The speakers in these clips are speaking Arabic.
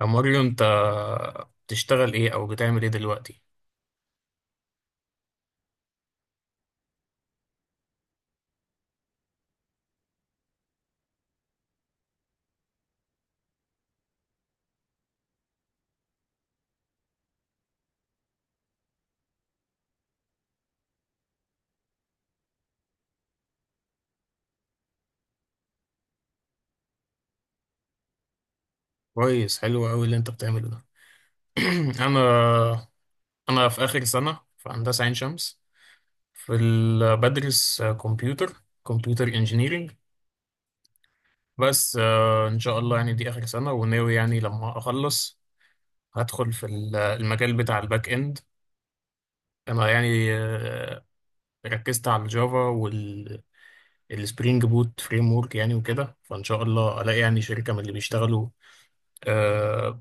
يا ماريو، انت بتشتغل ايه او بتعمل ايه دلوقتي؟ كويس، حلو قوي اللي انت بتعمله ده. انا انا في اخر سنة في هندسة عين شمس، بدرس كمبيوتر انجينيرينج. بس ان شاء الله يعني دي اخر سنة، وناوي يعني لما اخلص هدخل في المجال بتاع الباك اند. انا يعني ركزت على الجافا وال السبرينج بوت فريم ورك يعني، وكده فان شاء الله الاقي يعني شركة من اللي بيشتغلوا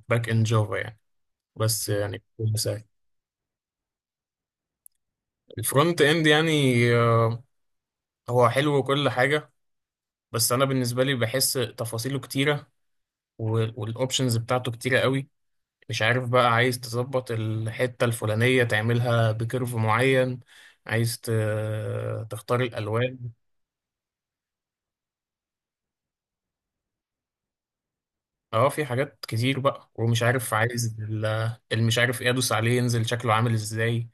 باك اند جافا يعني. بس يعني كل ساعة. الفرونت اند يعني، آه، هو حلو وكل حاجة، بس أنا بالنسبة لي بحس تفاصيله كتيرة، والأوبشنز بتاعته كتيرة قوي. مش عارف بقى، عايز تظبط الحتة الفلانية تعملها بكيرف معين، عايز ت- تختار الألوان. اه في حاجات كتير بقى، ومش عارف عايز المش عارف ايه ادوس عليه ينزل شكله عامل ازاي.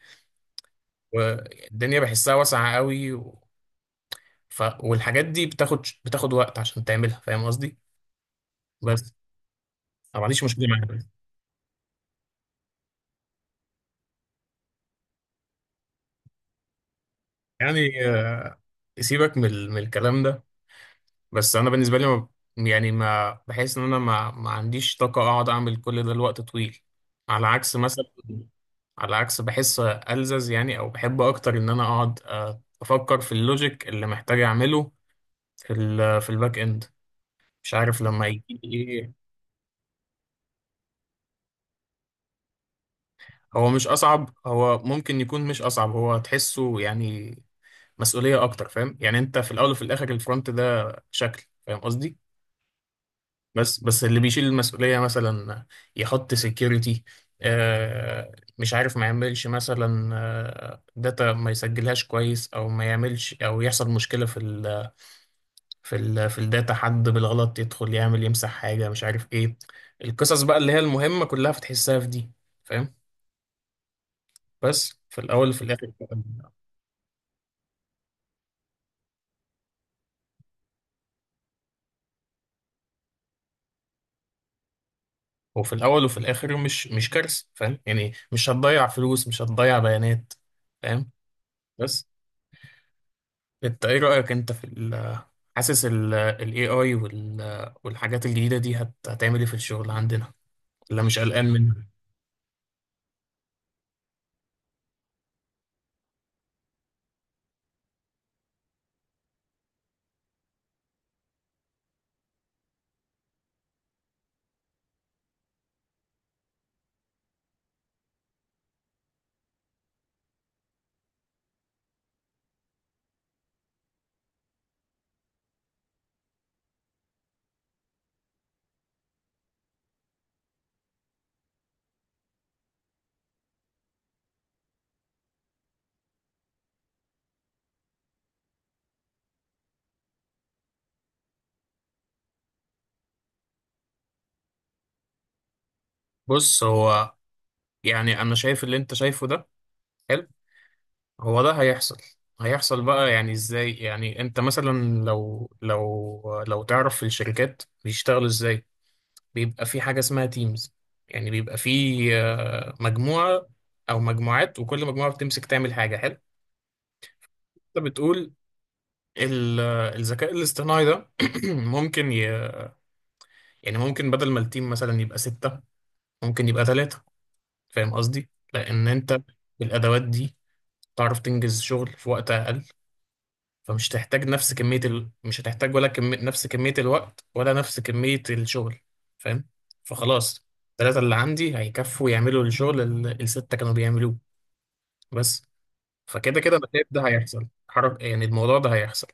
والدنيا بحسها واسعة قوي. والحاجات دي بتاخد وقت عشان تعملها، فاهم قصدي؟ بس انا ما عنديش مشكله معاك يعني. سيبك من من الكلام ده. بس انا بالنسبه لي ما بحس ان انا ما عنديش طاقه اقعد اعمل كل ده لوقت طويل، على عكس مثلا، على عكس بحس ألزز يعني، او بحب اكتر ان انا اقعد افكر في اللوجيك اللي محتاج اعمله في ال في الباك اند. مش عارف لما يجي لي ايه. هو مش اصعب، هو ممكن يكون مش اصعب، هو تحسه يعني مسؤوليه اكتر. فاهم يعني، انت في الاول وفي الاخر الفرونت ده شكل، فاهم قصدي. بس اللي بيشيل المسؤولية مثلا يحط سكيورتي، آه، مش عارف، ما يعملش مثلا آه داتا ما يسجلهاش كويس، او ما يعملش، او يحصل مشكلة في ال في ال في الداتا، حد بالغلط يدخل يعمل يمسح حاجة، مش عارف ايه. القصص بقى اللي هي المهمة كلها بتحسها في دي، فاهم. بس في الاول وفي الاخر، وفي الاول وفي الاخر مش كارثة، فاهم يعني، مش هتضيع فلوس، مش هتضيع بيانات، فاهم. بس انت ايه رأيك انت في ال، حاسس ال ال AI وال، والحاجات الجديدة دي هتعمل ايه في الشغل عندنا، ولا مش قلقان منها؟ بص هو، يعني انا شايف اللي انت شايفه ده حلو، هو ده هيحصل. هيحصل بقى، يعني ازاي؟ يعني انت مثلا لو تعرف في الشركات بيشتغلوا ازاي، بيبقى في حاجة اسمها تيمز، يعني بيبقى في مجموعة او مجموعات، وكل مجموعة بتمسك تعمل حاجة حلو. انت بتقول ال- الذكاء الاصطناعي ده ممكن ي... يعني ممكن بدل ما التيم مثلا يبقى ستة ممكن يبقى ثلاثة، فاهم قصدي؟ لأن أنت بالأدوات دي تعرف تنجز شغل في وقت أقل. فمش هتحتاج نفس كمية ال... مش هتحتاج ولا كم... نفس كمية الوقت ولا نفس كمية الشغل، فاهم؟ فخلاص، الثلاثة اللي عندي هيكفوا يعملوا الشغل اللي الستة كانوا بيعملوه. بس فكده كده أنا شايف ده هيحصل. حرك يعني، الموضوع ده هيحصل.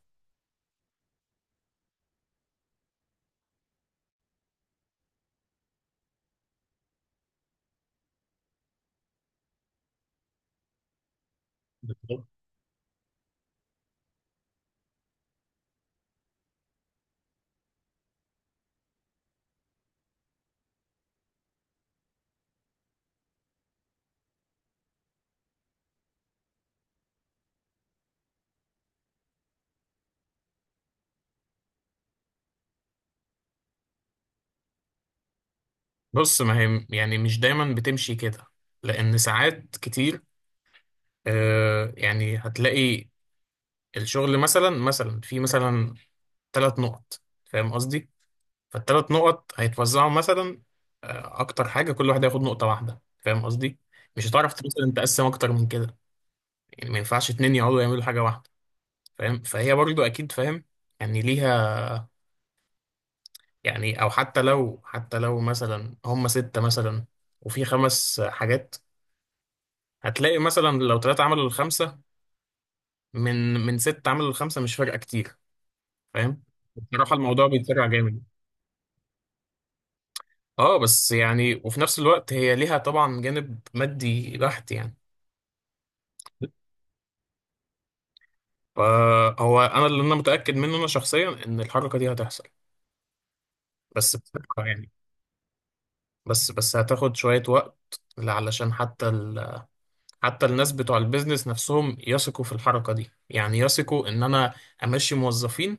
بص، ما هي يعني مش دايما بتمشي كده، لأن ساعات كتير آه، يعني هتلاقي الشغل مثلا، مثلا في ثلاث نقط، فاهم قصدي؟ فالثلاث نقط هيتوزعوا مثلا، آه، أكتر حاجة كل واحد هياخد نقطة واحدة، فاهم قصدي؟ مش هتعرف مثلا تقسم أكتر من كده. يعني ما ينفعش اتنين يقعدوا يعملوا حاجة واحدة، فاهم؟ فهي برضو أكيد، فاهم يعني، ليها يعني. أو حتى لو، حتى لو هم ستة مثلا وفي خمس حاجات، هتلاقي مثلا لو ثلاثة عملوا الخمسة، من ست عملوا لخمسة، مش فارقة كتير، فاهم. بصراحة الموضوع بيتسرع جامد. اه بس يعني، وفي نفس الوقت هي ليها طبعا جانب مادي بحت يعني. فهو انا، اللي انا متاكد منه انا شخصيا، ان الحركه دي هتحصل، بس بصراحه يعني، بس هتاخد شويه وقت علشان حتى، حتى الناس بتوع البيزنس نفسهم يثقوا في الحركة دي، يعني يثقوا ان انا امشي موظفين،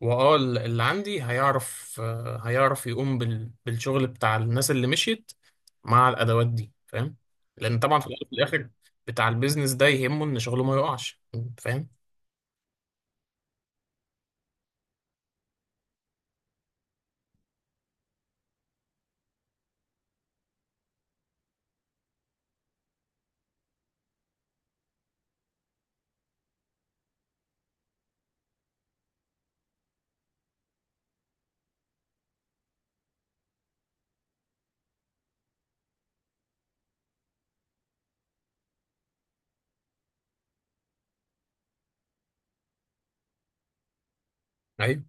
واه اللي عندي هيعرف، هيعرف يقوم بالشغل بتاع الناس اللي مشيت مع الادوات دي، فاهم. لان طبعا في الأول وفي الاخر، بتاع البيزنس ده يهمه ان شغله ما يقعش، فاهم. ايوه،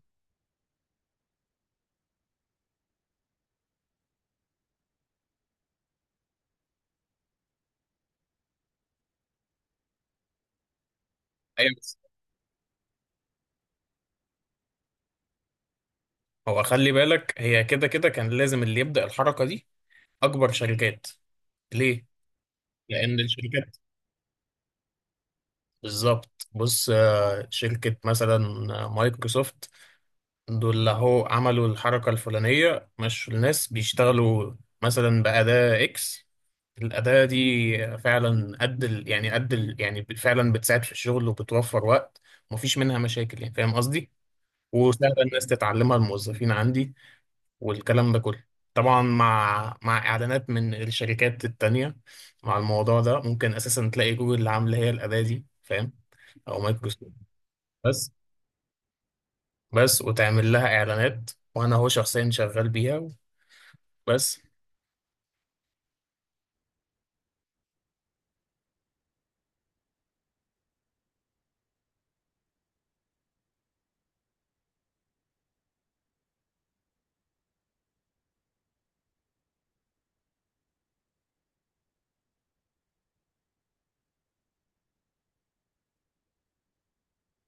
ايوه بس. هو خلي بالك، هي كده كده كان لازم اللي يبدأ الحركة دي اكبر شركات. ليه؟ لان الشركات، بالظبط. بص شركة مثلا مايكروسوفت، دول اللي هو عملوا الحركة الفلانية، مشوا الناس بيشتغلوا مثلا بأداة إكس. الأداة دي فعلا قد يعني فعلا بتساعد في الشغل وبتوفر وقت ومفيش منها مشاكل، يعني فاهم قصدي؟ وسهلة الناس تتعلمها، الموظفين عندي، والكلام ده كله. طبعا مع إعلانات من الشركات التانية. مع الموضوع ده ممكن أساسا تلاقي جوجل اللي عاملة هي الأداة دي، فاهم؟ أو مايكروسوفت. بس، وتعمل لها اعلانات، وانا هو شخصيا شغال بيها، بس.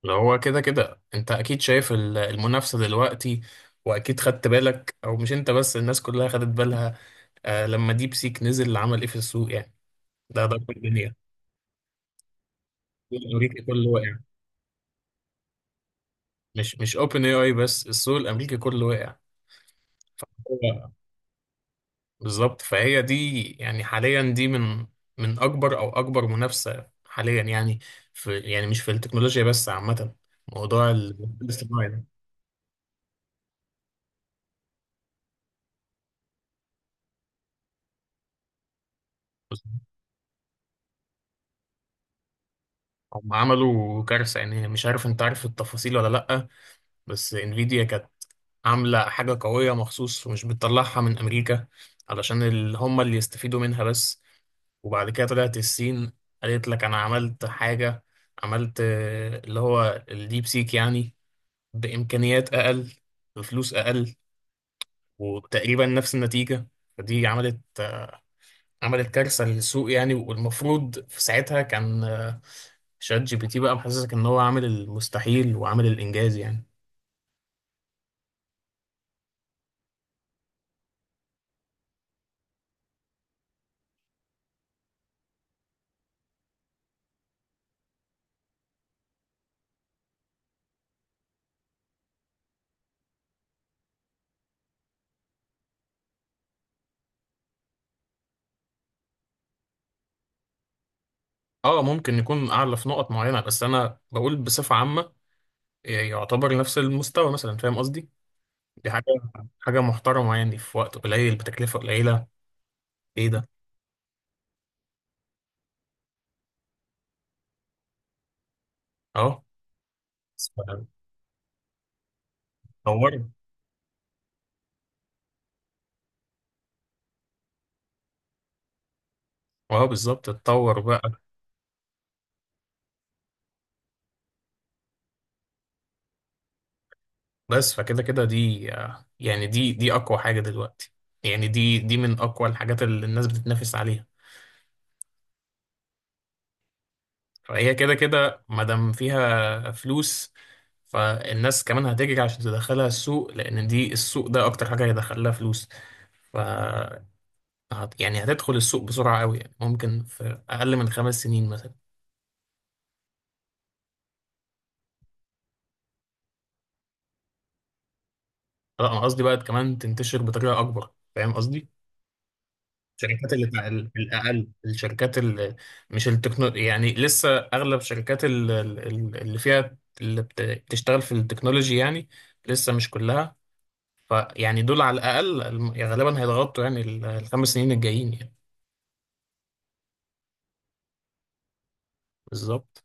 لو هو كده كده، انت اكيد شايف المنافسة دلوقتي، واكيد خدت بالك، او مش انت بس، الناس كلها خدت بالها، آه، لما ديب سيك نزل عمل ايه في السوق يعني. ده كل الدنيا. السوق الامريكي كله واقع، مش اوبن اي اي بس، السوق الامريكي كله واقع. هو بالظبط. فهي دي يعني حاليا، دي من، من اكبر او اكبر منافسة حاليا يعني، في يعني مش في التكنولوجيا بس، عامة، موضوع الاصطناعي ده. بص، هم عملوا كارثة، يعني مش عارف انت عارف التفاصيل ولا لأ، بس انفيديا كانت عاملة حاجة قوية مخصوص، ومش بتطلعها من أمريكا علشان هم اللي يستفيدوا منها بس. وبعد كده طلعت الصين قالت لك أنا عملت حاجة، عملت اللي هو الديب سيك يعني، بإمكانيات أقل، بفلوس أقل، وتقريبا نفس النتيجة. فدي عملت، عملت كارثة للسوق يعني، والمفروض في ساعتها كان شات جي بي تي بقى محسسك ان هو عامل المستحيل وعامل الانجاز يعني. اه ممكن يكون اعلى في نقط معينة، بس انا بقول بصفة عامة يعتبر نفس المستوى مثلا، فاهم قصدي. دي حاجة، حاجة محترمة يعني، في وقت قليل بتكلفة قليلة، ايه ده. اه اتطورت. اه بالظبط، اتطور بقى. بس فكده كده، دي يعني دي اقوى حاجة دلوقتي، يعني دي من اقوى الحاجات اللي الناس بتتنافس عليها. فهي كده كده ما دام فيها فلوس، فالناس كمان هتجري عشان تدخلها السوق، لأن دي السوق ده أكتر حاجة هيدخلها فلوس. ف يعني هتدخل السوق بسرعة قوي، يعني ممكن في أقل من خمس سنين مثلا. لا أنا قصدي بقى كمان تنتشر بطريقة أكبر، فاهم قصدي؟ الشركات اللي تع- الأقل، الشركات اللي مش التكنو، يعني لسه أغلب الشركات اللي فيها اللي بتشتغل في التكنولوجي يعني لسه مش كلها. فيعني دول على الأقل غالبا هيضغطوا يعني الخمس سنين الجايين يعني. بالظبط.